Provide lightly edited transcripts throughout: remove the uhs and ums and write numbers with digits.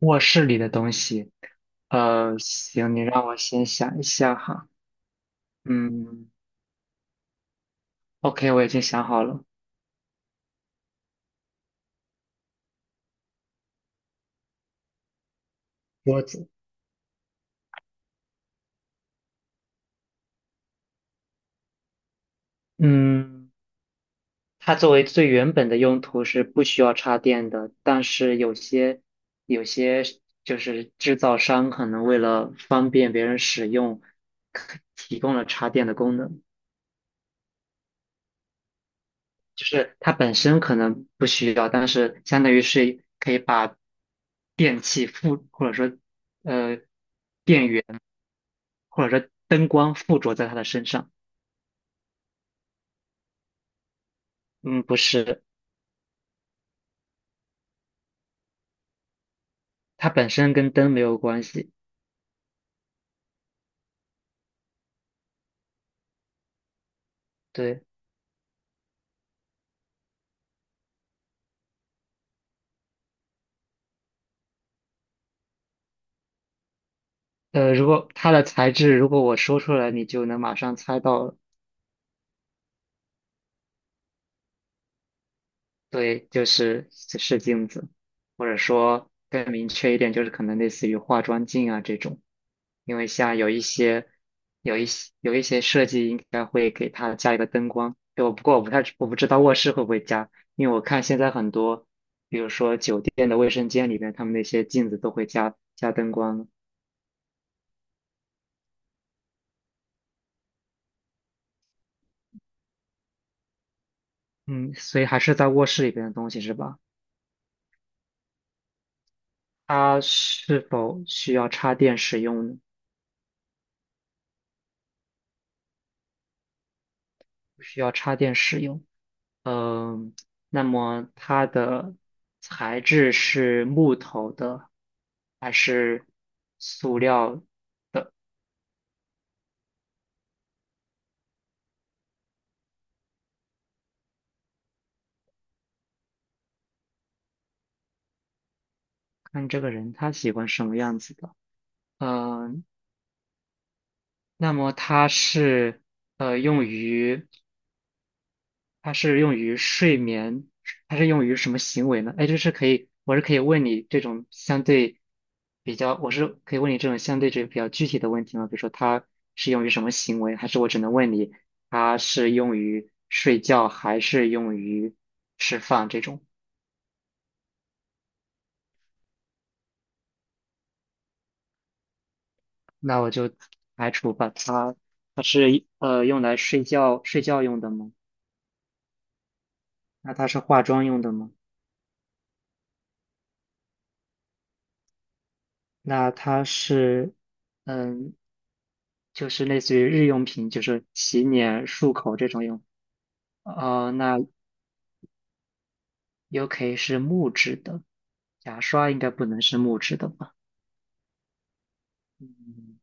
卧室里的东西，行，你让我先想一下哈。嗯，OK，我已经想好了，桌子。嗯，它作为最原本的用途是不需要插电的，但是有些就是制造商可能为了方便别人使用，可提供了插电的功能，就是它本身可能不需要，但是相当于是可以把电器附或者说呃。电源。或者说灯光附着在他的身上。嗯，不是，它本身跟灯没有关系。对，如果它的材质，如果我说出来，你就能马上猜到了。对，就是是镜子，或者说更明确一点，就是可能类似于化妆镜啊这种，因为像有一些设计应该会给它加一个灯光，对，不过我不知道卧室会不会加，因为我看现在很多，比如说酒店的卫生间里边，他们那些镜子都会加灯光，嗯，所以还是在卧室里边的东西是吧？它是否需要插电使用呢？不需要插电使用。嗯，那么它的材质是木头的还是塑料？看这个人他喜欢什么样子的。嗯，那么呃用于它是用于睡眠，它是用于什么行为呢？哎，就是可以，我是可以问你这种相对这比较具体的问题吗？比如说它是用于什么行为，还是我只能问你它是用于睡觉还是用于吃饭这种？那我就排除把它，它是用来睡觉用的吗？那它是化妆用的吗？那它是嗯。就是类似于日用品，就是洗脸、漱口这种用。那可以是木质的，牙刷应该不能是木质的吧？嗯，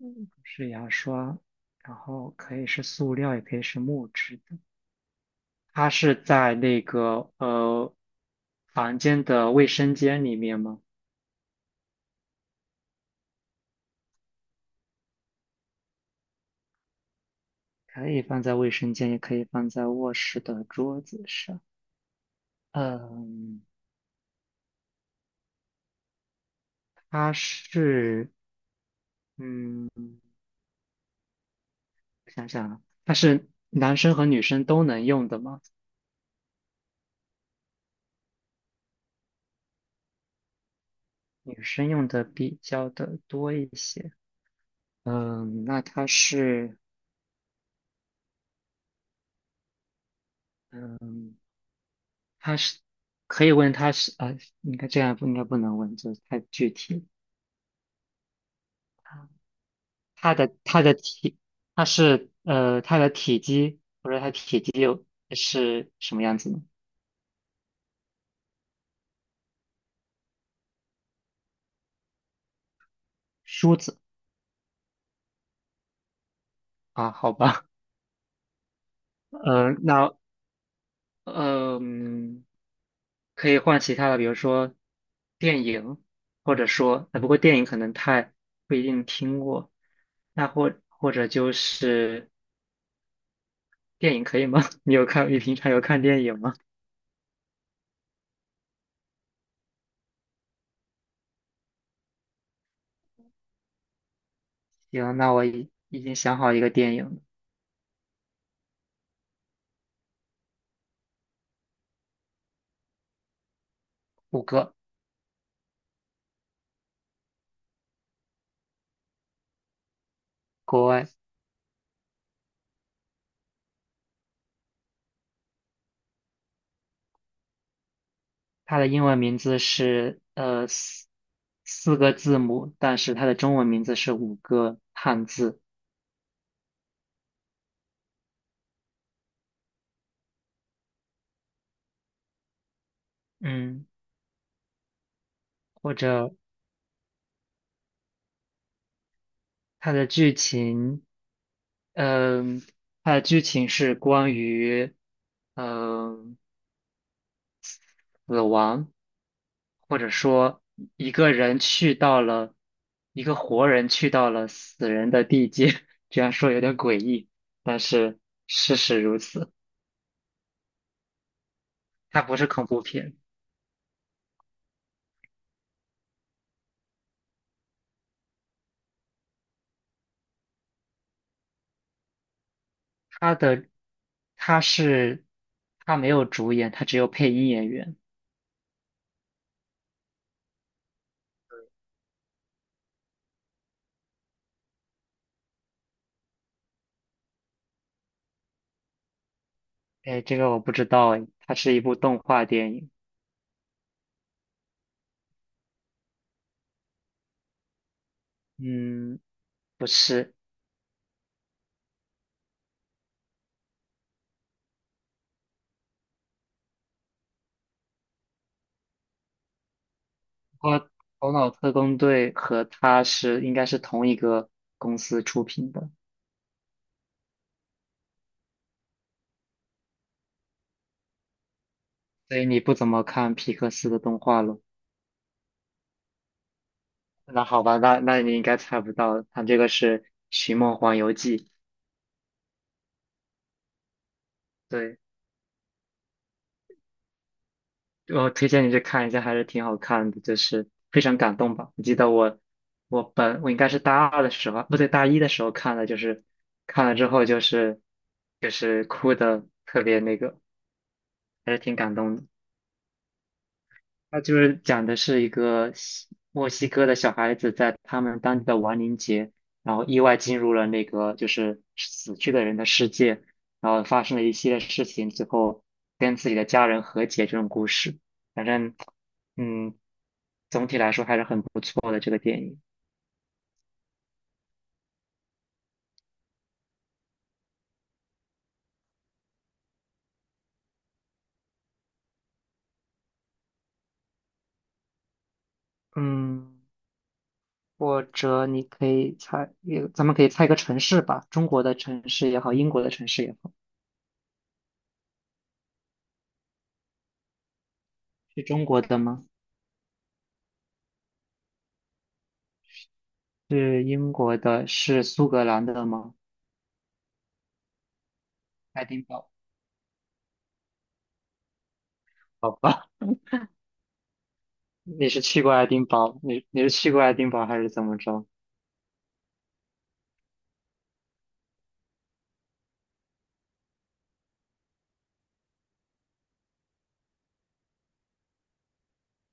嗯是牙刷，然后可以是塑料，也可以是木质的。它是在那个房间的卫生间里面吗？可以放在卫生间，也可以放在卧室的桌子上。嗯，它是。嗯。我想想啊，它是男生和女生都能用的吗？女生用的比较的多一些。嗯，那它是，嗯，它是，可以问它是啊，应该这样不应该不能问，这太具体。它的它的体，它是它的体积或者它体积又是什么样子呢？梳子啊，好吧，呃，那嗯，可以换其他的，比如说电影，或者说，不过电影可能太不一定听过。那或者就是电影可以吗？你平常有看电影吗？行，那我已经想好一个电影了，五个，国外，它的英文名字是四个字母，但是它的中文名字是五个汉字。嗯，或者它的剧情。嗯，它的剧情是关于，嗯，死亡，或者说一个人去到了，一个活人去到了死人的地界，这样说有点诡异，但是事实如此。它不是恐怖片，它的，它是，它没有主演，它只有配音演员。哎，这个我不知道哎，它是一部动画电影。嗯，不是。他头脑特工队和他是应该是同一个公司出品的，所以你不怎么看皮克斯的动画了。那好吧，那那你应该猜不到，他这个是《寻梦环游记》。对，我推荐你去看一下，还是挺好看的，就是非常感动吧。我记得我应该是大二的时候，不对，大一的时候看的，就是看了之后就是哭的特别那个，还是挺感动的。它就是讲的是一个西墨西哥的小孩子在他们当地的亡灵节，然后意外进入了那个就是死去的人的世界，然后发生了一系列事情，最后跟自己的家人和解这种故事。反正，嗯，总体来说还是很不错的这个电影。嗯，或者你可以猜，也咱们可以猜一个城市吧，中国的城市也好，英国的城市也好，是中国的吗？是英国的，是苏格兰的吗？爱丁堡。好吧，你是去过爱丁堡还是怎么着？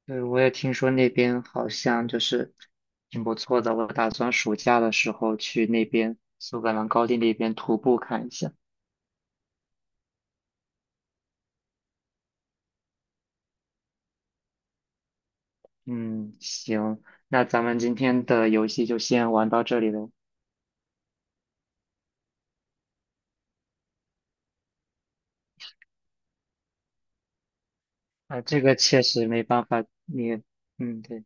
对，我也听说那边好像就是挺不错的，我打算暑假的时候去那边苏格兰高地那边徒步看一下。嗯，行，那咱们今天的游戏就先玩到这里了。啊，这个确实没办法，你，嗯，对，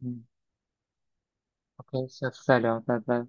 嗯，OK，下次再聊，拜拜。